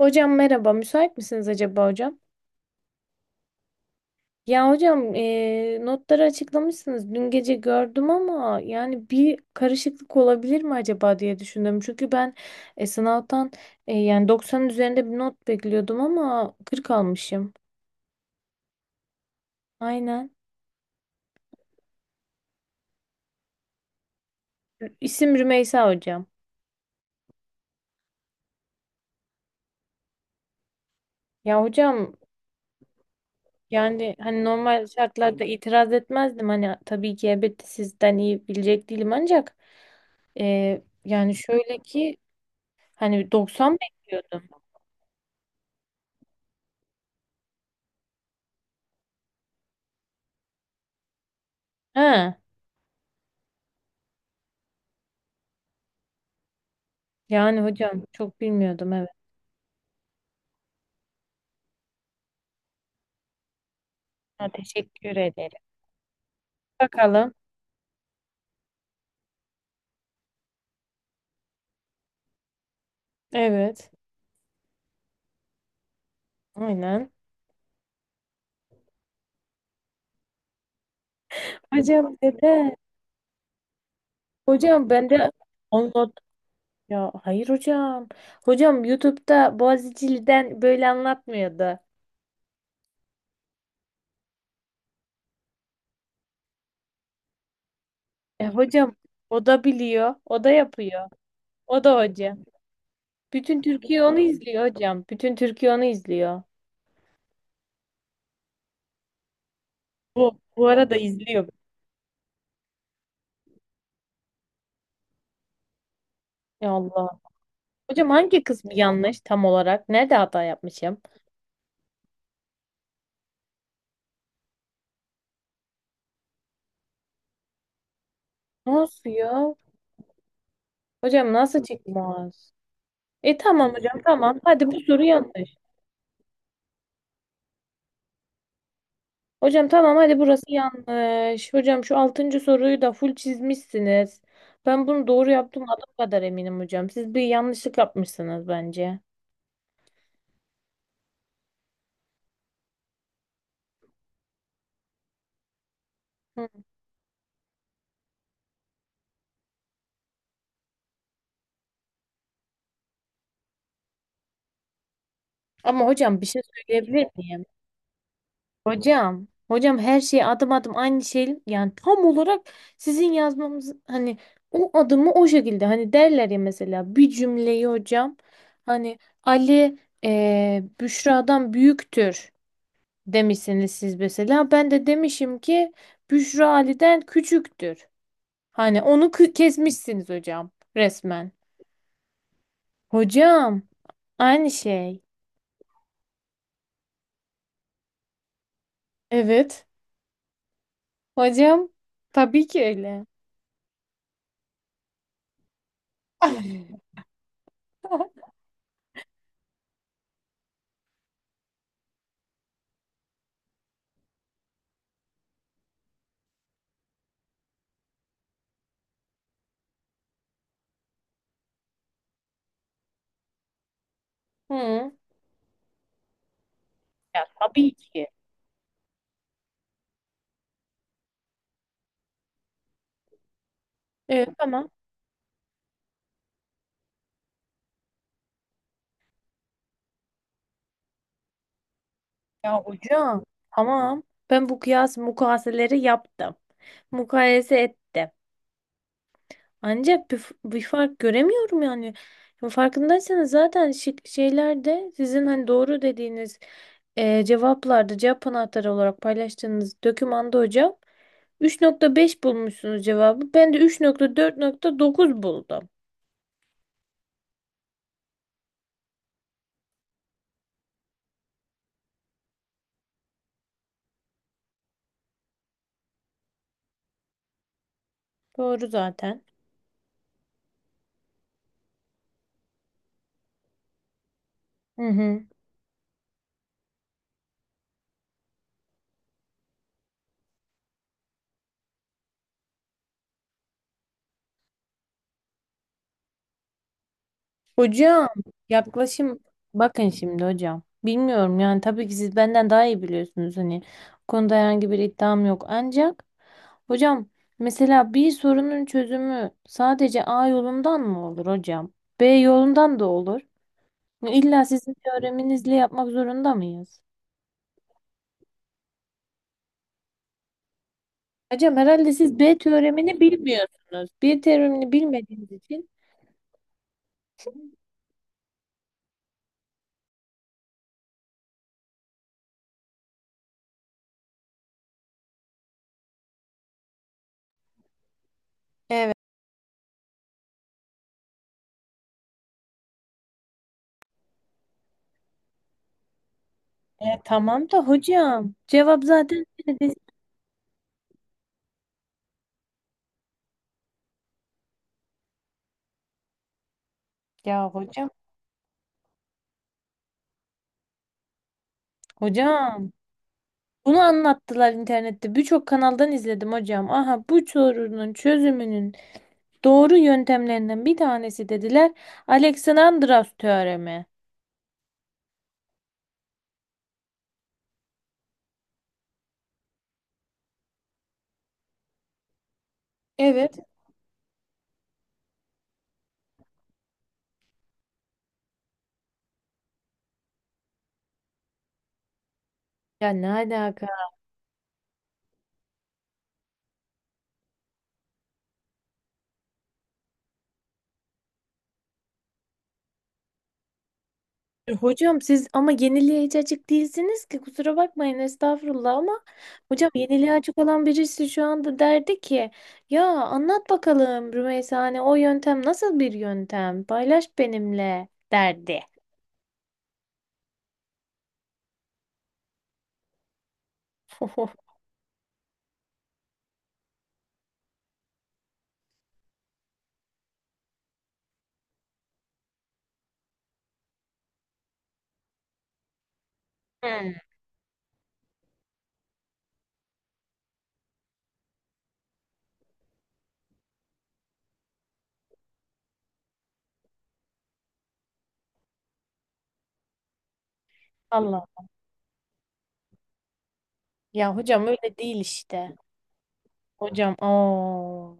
Hocam merhaba, müsait misiniz acaba hocam? Ya hocam notları açıklamışsınız. Dün gece gördüm ama yani bir karışıklık olabilir mi acaba diye düşündüm. Çünkü ben sınavdan yani 90'ın üzerinde bir not bekliyordum ama 40 almışım. Aynen. İsim Rümeysa hocam. Ya hocam yani hani normal şartlarda itiraz etmezdim. Hani tabii ki elbette sizden iyi bilecek değilim ancak yani şöyle ki hani 90 bekliyordum. He. Yani hocam çok bilmiyordum evet. Ha, teşekkür ederim. Bakalım. Evet. Aynen. Hocam dede. Hocam ben de anlat. Ya hayır hocam. Hocam YouTube'da Boğaziçi'liden böyle anlatmıyordu. Hocam o da biliyor. O da yapıyor. O da hoca. Bütün Türkiye onu izliyor hocam. Bütün Türkiye onu izliyor. Bu, bu arada izliyor. Ya Allah. Hocam hangi kısmı yanlış tam olarak? Nerede hata yapmışım? Nasıl ya? Hocam nasıl çıkmaz? E tamam hocam tamam. Hadi bu soru yanlış. Hocam tamam hadi burası yanlış. Hocam şu altıncı soruyu da full çizmişsiniz. Ben bunu doğru yaptım adım kadar eminim hocam. Siz bir yanlışlık yapmışsınız bence. Hı. Ama hocam bir şey söyleyebilir miyim? Hocam, her şey adım adım aynı şey yani tam olarak sizin yazmamız hani o adımı o şekilde hani derler ya mesela bir cümleyi hocam hani Ali Büşra'dan büyüktür demişsiniz siz mesela ben de demişim ki Büşra Ali'den küçüktür. Hani onu kesmişsiniz hocam resmen. Hocam aynı şey. Evet hocam tabii ki öyle. Hı. Ya tabii ki. Evet tamam. Ya hocam tamam ben bu kıyas mukayeseleri yaptım. Mukayese ettim. Ancak bir fark göremiyorum yani. Ya farkındaysanız zaten şık şeylerde sizin hani doğru dediğiniz cevaplarda cevap anahtarı olarak paylaştığınız dokümanda hocam 3,5 bulmuşsunuz cevabı. Ben de üç nokta dört nokta dokuz buldum. Doğru zaten. Hı hı. Hocam yaklaşım bakın şimdi hocam. Bilmiyorum yani tabii ki siz benden daha iyi biliyorsunuz hani bu konuda herhangi bir iddiam yok ancak hocam mesela bir sorunun çözümü sadece A yolundan mı olur hocam? B yolundan da olur. Hani İlla sizin teoreminizle yapmak zorunda mıyız? Hocam herhalde siz B teoremini bilmiyorsunuz. B teoremini bilmediğiniz için. Tamam da hocam cevap zaten. Ya hocam. Hocam. Bunu anlattılar internette. Birçok kanaldan izledim hocam. Aha bu sorunun çözümünün doğru yöntemlerinden bir tanesi dediler. Alexandros teoremi. Evet. Ya ne alaka? Hocam siz ama yeniliğe hiç açık değilsiniz ki kusura bakmayın estağfurullah ama hocam yeniliğe açık olan birisi şu anda derdi ki ya anlat bakalım Rümeysa hani o yöntem nasıl bir yöntem paylaş benimle derdi. Hmm. Allah ya hocam öyle değil işte. Hocam o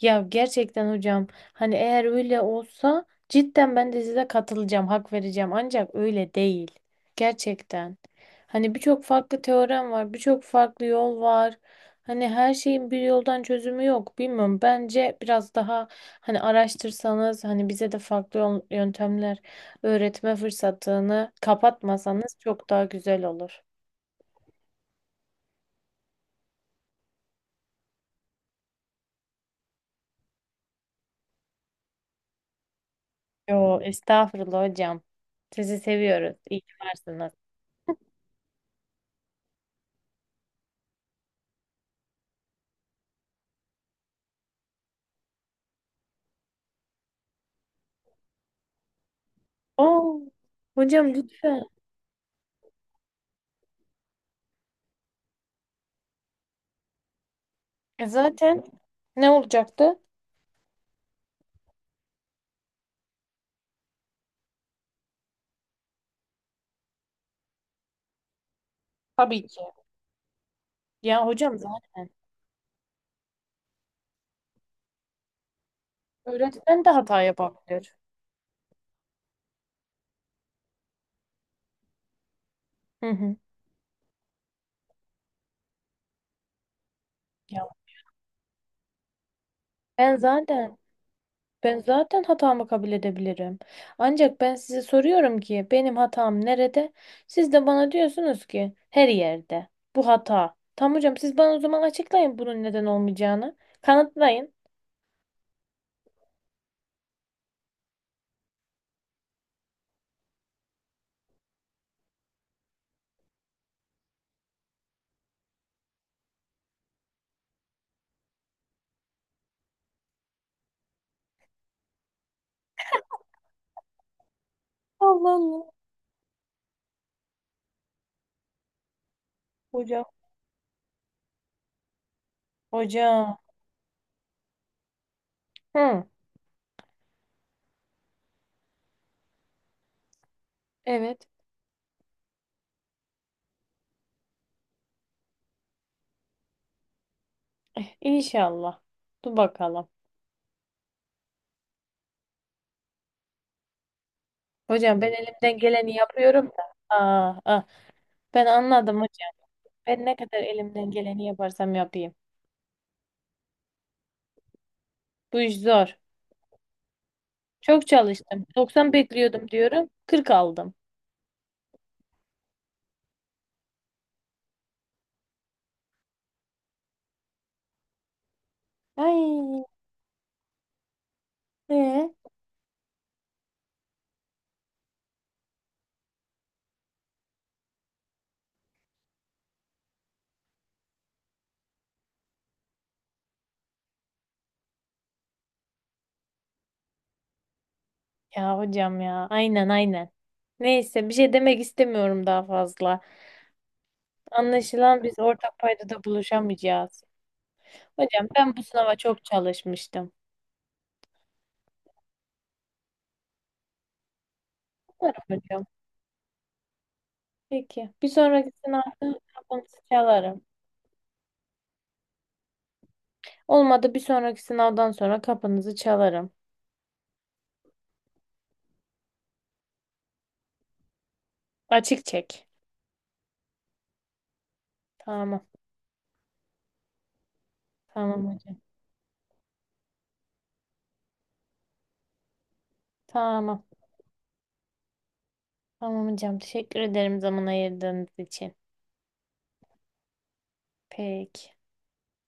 ya gerçekten hocam hani eğer öyle olsa cidden ben de size katılacağım hak vereceğim ancak öyle değil gerçekten hani birçok farklı teorem var birçok farklı yol var hani her şeyin bir yoldan çözümü yok bilmiyorum bence biraz daha hani araştırsanız hani bize de farklı yöntemler öğretme fırsatını kapatmasanız çok daha güzel olur. Yo estağfurullah hocam sizi seviyoruz İyi ki varsınız. Aa, hocam lütfen. E zaten ne olacaktı? Tabii ki. Ya hocam zaten öğretmen de hata yapabilir. Hı hı. Ya ben zaten Ben zaten hatamı kabul edebilirim. Ancak ben size soruyorum ki benim hatam nerede? Siz de bana diyorsunuz ki her yerde. Bu hata. Tamam hocam siz bana o zaman açıklayın bunun neden olmayacağını. Kanıtlayın. Allah Allah. Hocam. Hocam. Hı, evet. Eh, İnşallah. Dur bakalım. Hocam ben elimden geleni yapıyorum da. Aa, ah, ben anladım hocam. Ben ne kadar elimden geleni yaparsam yapayım. Bu iş zor. Çok çalıştım. 90 bekliyordum diyorum. 40 aldım. Ay. Ee? Ya hocam ya. Aynen, aynen. Neyse bir şey demek istemiyorum daha fazla. Anlaşılan biz ortak paydada buluşamayacağız. Hocam ben bu sınava çok çalışmıştım. Umarım hocam. Peki. Bir sonraki sınavda kapınızı çalarım. Olmadı bir sonraki sınavdan sonra kapınızı çalarım. Açık çek. Tamam. Tamam hocam. Tamam. Tamam hocam. Teşekkür ederim zaman ayırdığınız için. Peki.